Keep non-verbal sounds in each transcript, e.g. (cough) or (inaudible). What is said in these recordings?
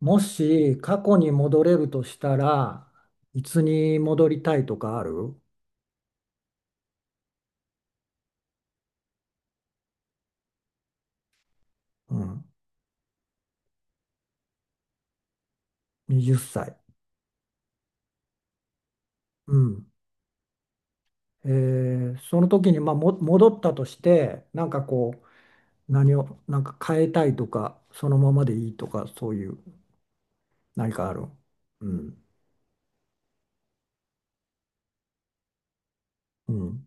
もし過去に戻れるとしたら、いつに戻りたいとかある？うん。20歳。うん。その時に、まあ、戻ったとしてなんかこう何をなんか変えたいとか、そのままでいいとか、そういう何かある？うん。うん。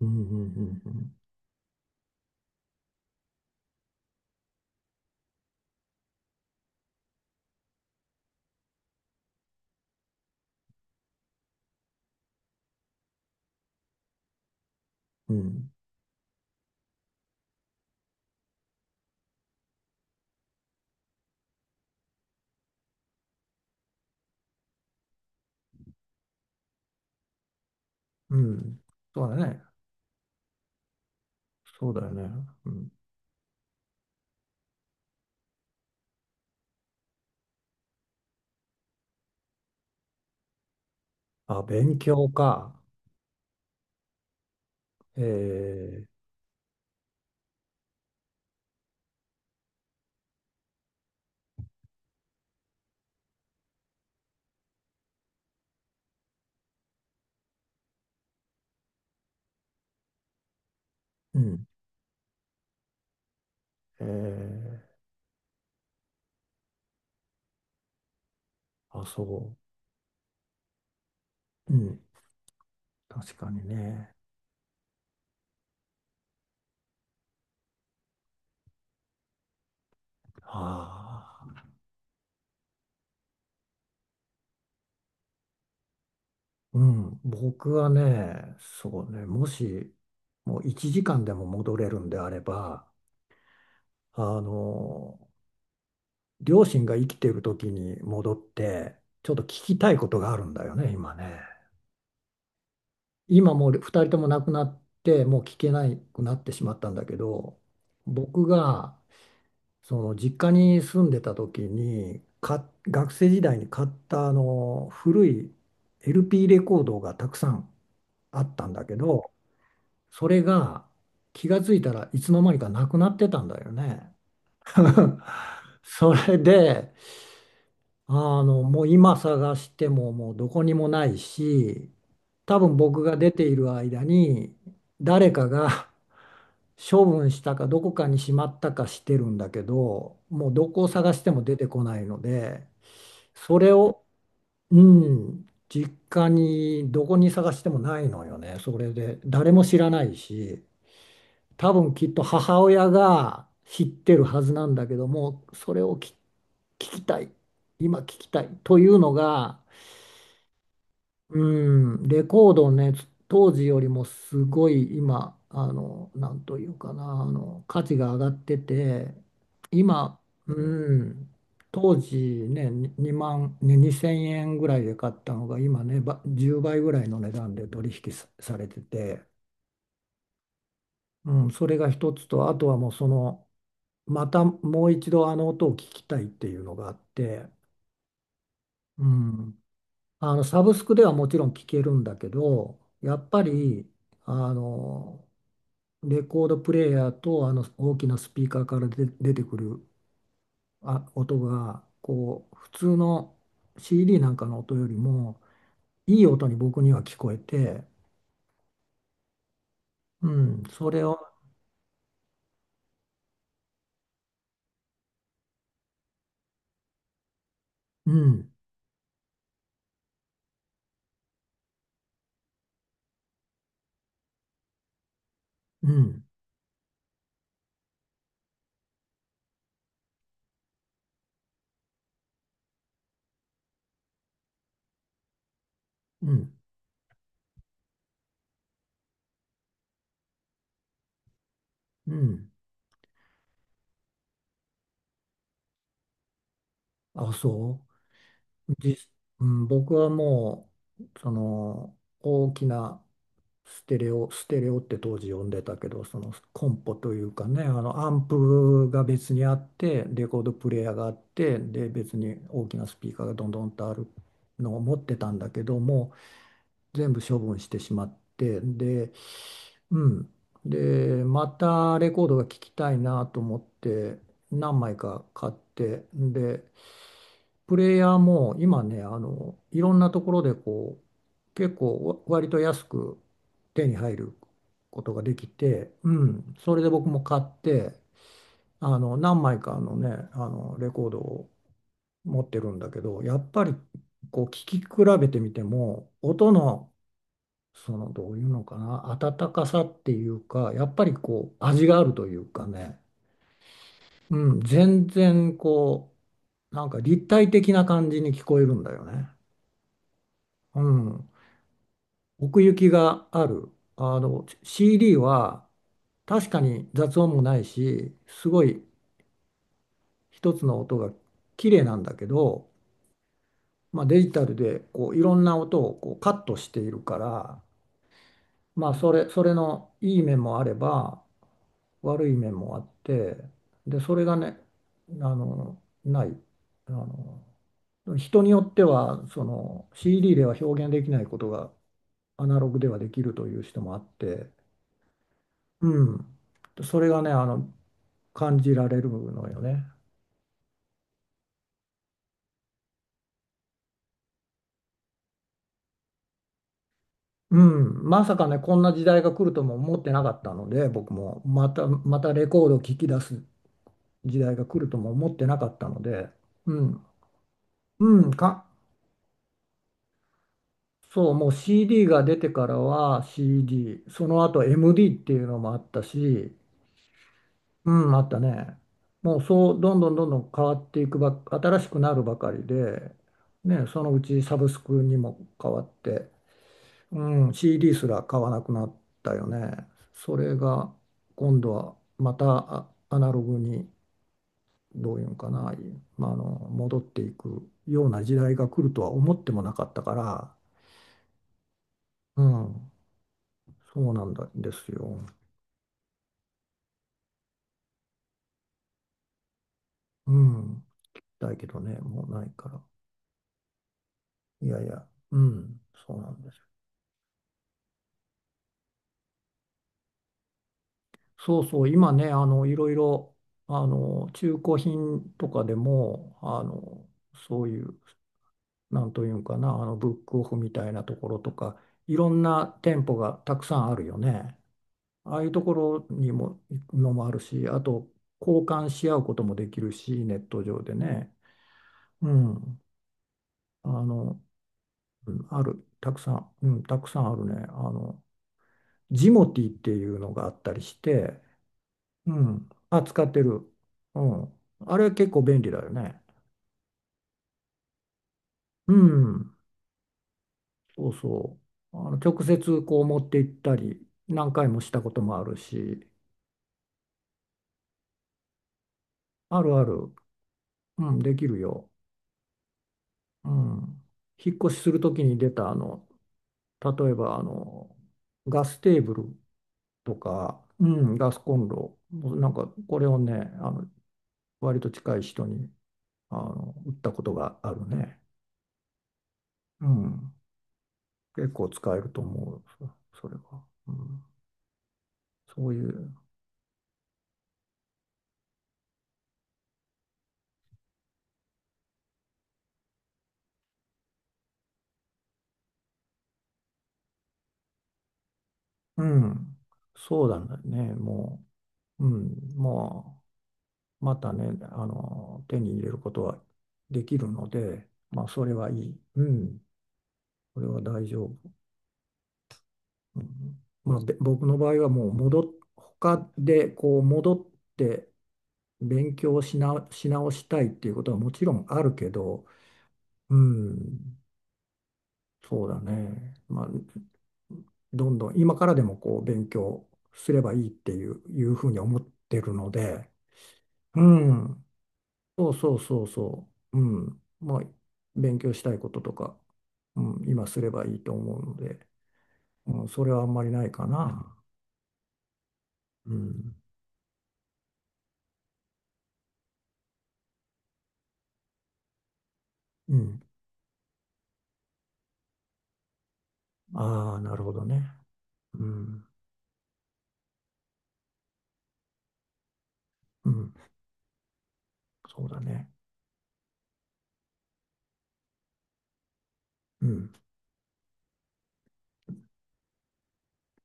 うん。うん。うん。うん。うん。うん。そうだね。そうだよね。うん。あ、勉強か。えーうん。えーあ、そう。うん。確かにね。ああ。うん。僕はね、そうね、もし、もう1時間でも戻れるんであれば、あの、両親が生きている時に戻って、ちょっと聞きたいことがあるんだよね、今ね。今もう2人とも亡くなって、もう聞けなくなってしまったんだけど、僕が、その実家に住んでた時に、学生時代に買った古い LP レコードがたくさんあったんだけど、それが気がついたらいつの間にかなくなってたんだよね。(laughs) それで、もう今探してももうどこにもないし、多分僕が出ている間に誰かが (laughs) 処分したかどこかにしまったかしてるんだけど、もうどこを探しても出てこないので、それを、うん、実家にどこに探してもないのよね。それで誰も知らないし。多分きっと母親が知ってるはずなんだけども、それを聞きたい、今聞きたいというのが、うん、レコードをね、当時よりもすごい今、なんというかな、価値が上がってて、今、うん、当時ね、に2万、ね、2000円ぐらいで買ったのが、今ね、10倍ぐらいの値段で取引さされてて、うん、それが一つと、あとはもうその、またもう一度あの音を聞きたいっていうのがあって、うん、サブスクではもちろん聞けるんだけど、やっぱりあのレコードプレーヤーと大きなスピーカーから出てくる音がこう普通の CD なんかの音よりもいい音に僕には聞こえて、うん、それを、うん、うん、うん、うん、あ、そう。じ、うん、僕はもう、その、大きなステレオ、ステレオって当時呼んでたけど、そのコンポというかね、アンプが別にあって、レコードプレーヤーがあって、で、別に大きなスピーカーがどんどんとあるのを持ってたんだけども、全部処分してしまって、で、うん。で、またレコードが聴きたいなと思って、何枚か買って、で、プレイヤーも今ね、いろんなところでこう、結構割と安く手に入ることができて、うん、それで僕も買って、何枚かのね、レコードを持ってるんだけど、やっぱりこう、聞き比べてみても、音の、その、どういうのかな、温かさっていうか、やっぱりこう、味があるというかね、うん、全然こう、なんか立体的な感じに聞こえるんだよね。うん、奥行きがある。CD は確かに雑音もないし、すごい一つの音が綺麗なんだけど、まあ、デジタルでこういろんな音をこうカットしているから、まあ、それのいい面もあれば悪い面もあって、で、それがね、ない。あの、人によってはその CD では表現できないことがアナログではできるという人もあって、うん。それがね、感じられるのよね。うん。まさかね、こんな時代が来るとも思ってなかったので、僕も、またレコードを聴き出す時代が来るとも思ってなかったので、うん。うん、そう、もう CD が出てからは CD、その後 MD っていうのもあったし、うん、あったね。もうそう、どんどんどんどん変わっていく新しくなるばかりで、ね、そのうちサブスクにも変わって、うん、CD すら買わなくなったよね。それが今度はまたアナログにどういうんかな、まあ、戻っていくような時代が来るとは思ってもなかったから、うん、そうなんだですよ。うん、だけどね、もうないから。いやいや、うん、そうなんですよ。そうそう、今ね、いろいろ中古品とかでもそういう。なんというんかな、ブックオフみたいなところとか、いろんな店舗がたくさんあるよね。ああいうところにも、のもあるし、あと交換し合うこともできるし、ネット上でね。うん。あの、うん、ある、たくさん、うん、たくさんあるね。ジモティっていうのがあったりして、うん。あ、使ってる。うん。あれ結構便利だよね。うん。そうそう。直接こう持って行ったり、何回もしたこともあるし、あるある、うん、できるよ。うん。引っ越しするときに出た、例えば、ガステーブルとか、うん、ガスコンロ、なんか、これをね、あの、割と近い人に、売ったことがあるね。うん。結構使えると思う、それは。うん。そういう、うん。そうなんだよね、もう。うん、まあ。またね、手に入れることはできるので、まあ、それはいい。うん、これは大丈夫。うん、まあ、で、僕の場合はもう他でこう戻って勉強し直したいっていうことはもちろんあるけど、うん、そうだね。まあ、どんどん今からでもこう勉強すればいいっていうふうに思ってるので、うん。そうそうそうそう。うん。まあ、勉強したいこととか、うん、今すればいいと思うので、うん、それはあんまりないかな。うん。うん。ああ、なるほどね。うん。うん。そうだね。うん。